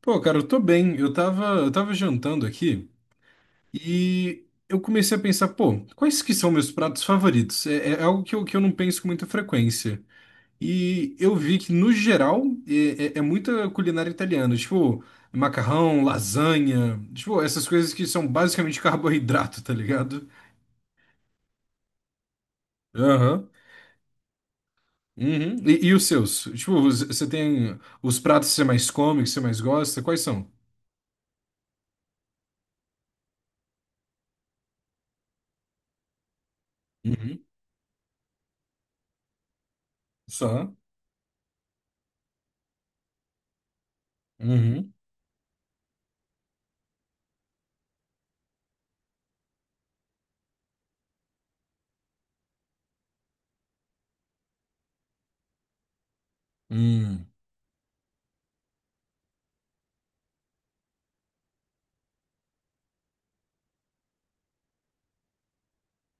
Pô, cara, eu tô bem. Eu tava jantando aqui e eu comecei a pensar, pô, quais que são meus pratos favoritos? É algo que eu não penso com muita frequência. E eu vi que, no geral, é muita culinária italiana. Tipo, macarrão, lasanha, tipo, essas coisas que são basicamente carboidrato, tá ligado? Aham. Uhum. E os seus? Tipo, você tem os pratos que você mais come, que você mais gosta? Quais são? Uhum. Só. Uhum. Hum.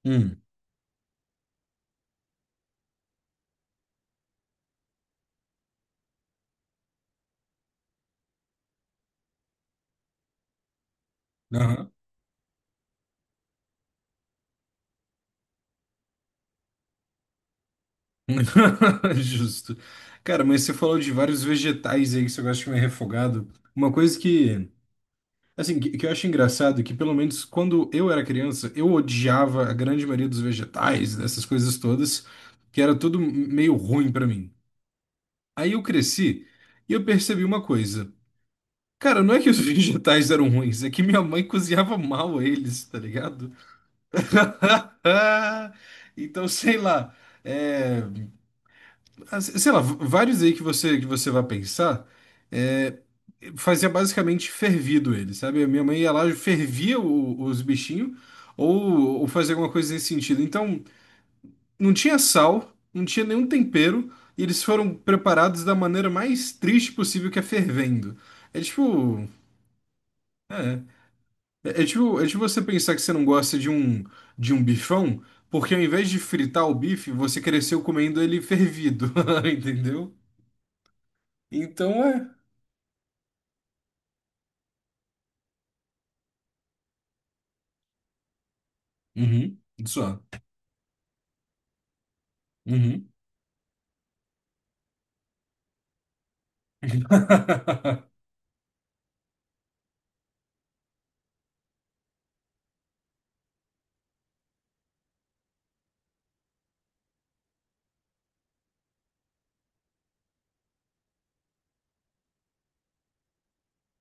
Hum. Aham. Justo. Cara, mas você falou de vários vegetais aí que você gosta de comer refogado. Uma coisa que, assim, que eu acho engraçado, é que pelo menos quando eu era criança, eu odiava a grande maioria dos vegetais, dessas coisas todas, que era tudo meio ruim pra mim. Aí eu cresci e eu percebi uma coisa. Cara, não é que os vegetais eram ruins, é que minha mãe cozinhava mal eles, tá ligado? Então, sei lá. É, Sei lá, vários aí que você vai pensar, é, fazia basicamente fervido ele, sabe? A minha mãe ia lá e fervia os bichinhos, ou fazia alguma coisa nesse sentido. Então, não tinha sal, não tinha nenhum tempero, e eles foram preparados da maneira mais triste possível, que é fervendo. É tipo. É, é tipo você pensar que você não gosta de um bifão, porque ao invés de fritar o bife, você cresceu comendo ele fervido, entendeu? Então é. Uhum. Isso. É. Uhum.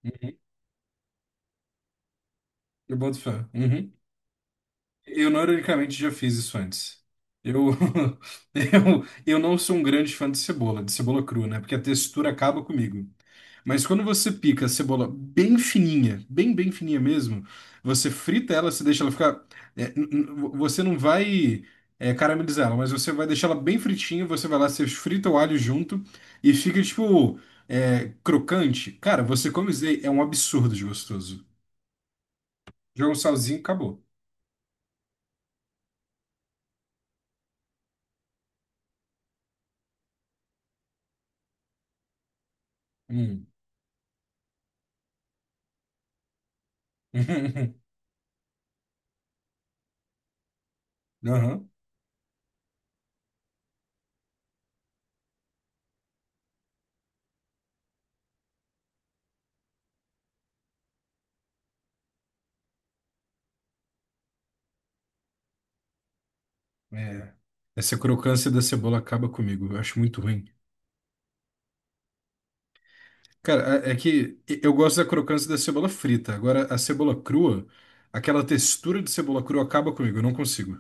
Uhum. Eu boto fé. Uhum. Eu, não ironicamente, já fiz isso antes. Eu, eu não sou um grande fã de cebola crua, né? Porque a textura acaba comigo. Mas quando você pica a cebola bem fininha, bem fininha mesmo, você frita ela, você deixa ela ficar. Você não vai caramelizar ela, mas você vai deixar ela bem fritinha, você vai lá, você frita o alho junto e fica, tipo, crocante. Cara, você come isso aí, é um absurdo de gostoso. Joga um salzinho e acabou. Hum. Aham. É, essa crocância da cebola acaba comigo, eu acho muito ruim. Cara, é que eu gosto da crocância da cebola frita, agora a cebola crua, aquela textura de cebola crua acaba comigo, eu não consigo.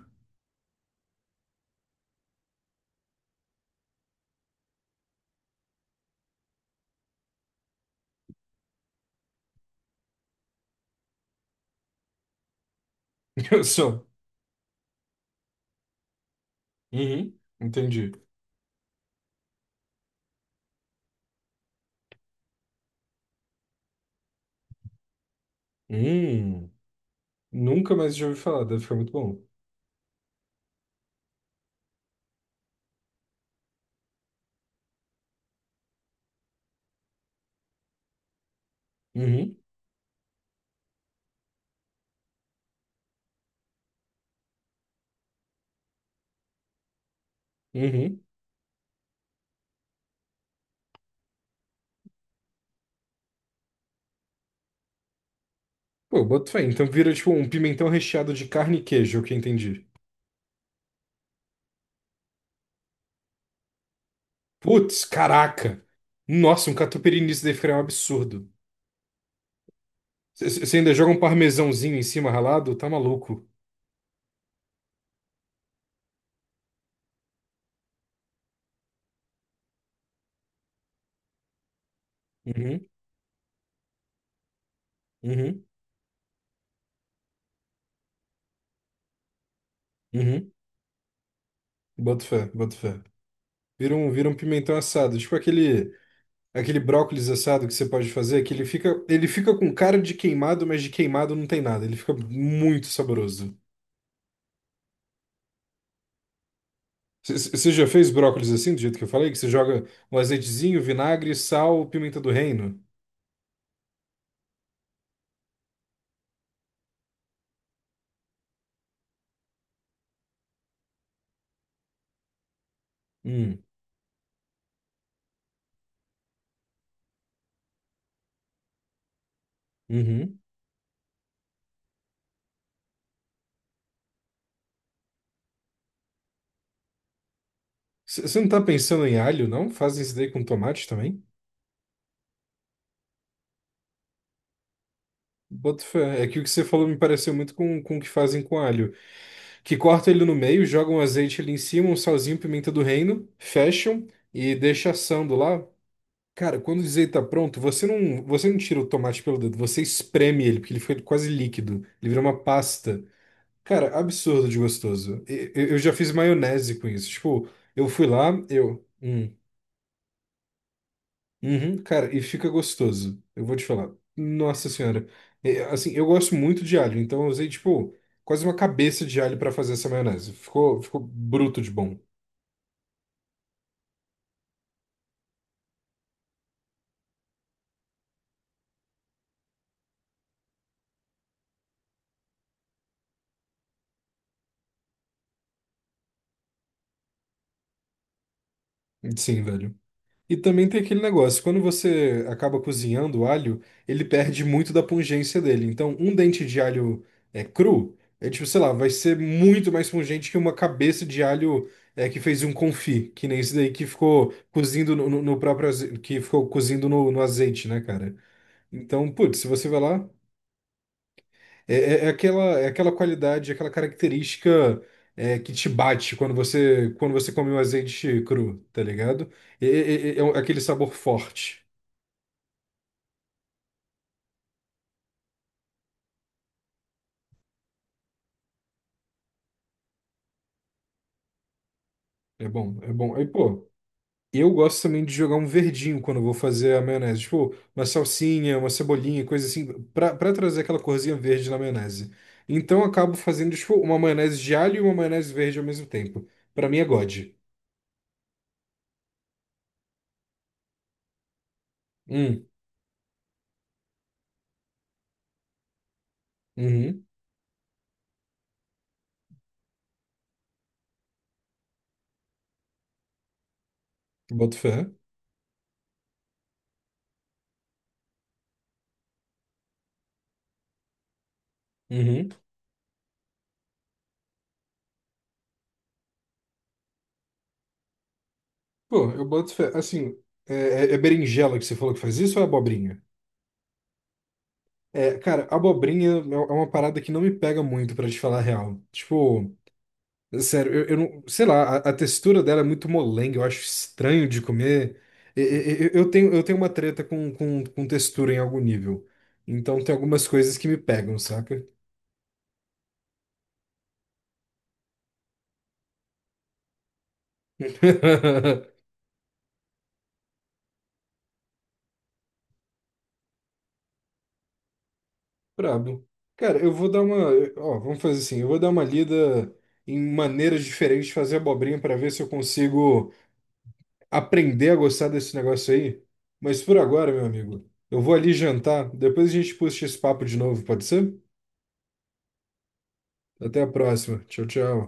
Eu sou. Uhum, entendi. Hum, nunca mais já ouvi falar, deve ficar muito bom. Uhum, uhum. Pô, boto fé. Então vira tipo um pimentão recheado de carne e queijo, é o que eu entendi. Putz, caraca! Nossa, um catupiry nisso deve ficar um absurdo. Você ainda joga um parmesãozinho em cima ralado? Tá maluco. Uhum, uhum, uhum. Boto fé, boto fé. Vira um pimentão assado, tipo aquele brócolis assado que você pode fazer, que ele fica com cara de queimado, mas de queimado não tem nada. Ele fica muito saboroso. Você já fez brócolis assim, do jeito que eu falei? Que você joga um azeitezinho, vinagre, sal, pimenta do reino? Hum, uhum. Você não tá pensando em alho, não? Fazem isso daí com tomate também? Boto fé. É que o que você falou me pareceu muito com o que fazem com alho. Que corta ele no meio, joga um azeite ali em cima, um salzinho, pimenta do reino, fecham e deixa assando lá. Cara, quando o azeite tá pronto, você não tira o tomate pelo dedo, você espreme ele, porque ele fica quase líquido. Ele vira uma pasta. Cara, absurdo de gostoso. Eu já fiz maionese com isso. Tipo, eu fui lá, eu. Uhum, cara, e fica gostoso. Eu vou te falar. Nossa senhora. É, assim, eu gosto muito de alho, então eu usei, tipo, quase uma cabeça de alho pra fazer essa maionese. Ficou bruto de bom. Sim, velho. E também tem aquele negócio, quando você acaba cozinhando o alho, ele perde muito da pungência dele. Então, um dente de alho é cru, é tipo, sei lá, vai ser muito mais pungente que uma cabeça de alho que fez um confit, que nem esse daí que ficou cozindo no próprio azeite, que ficou cozindo no azeite, né, cara? Então, putz, se você vai lá, é aquela qualidade, aquela característica que te bate quando você come o azeite cru, tá ligado? É aquele sabor forte. É bom, é bom. Aí, pô, eu gosto também de jogar um verdinho quando eu vou fazer a maionese. Tipo, uma salsinha, uma cebolinha, coisa assim, pra trazer aquela corzinha verde na maionese. Então, eu acabo fazendo, tipo, uma maionese de alho e uma maionese verde ao mesmo tempo. Pra mim é God. Hum, uhum, boto fé. Uhum. Pô, eu boto fé. Assim, é, é berinjela que você falou que faz isso ou é abobrinha? É, cara, abobrinha é uma parada que não me pega muito, pra te falar a real. Tipo, sério, eu não. Sei lá, a textura dela é muito molenga, eu acho estranho de comer. Eu tenho uma treta com textura em algum nível. Então tem algumas coisas que me pegam, saca? Brabo. Cara, eu vou dar uma. Ó, vamos fazer assim, eu vou dar uma lida em maneiras diferentes de fazer abobrinha pra ver se eu consigo aprender a gostar desse negócio aí. Mas por agora, meu amigo, eu vou ali jantar. Depois a gente puxa esse papo de novo, pode ser? Até a próxima. Tchau, tchau.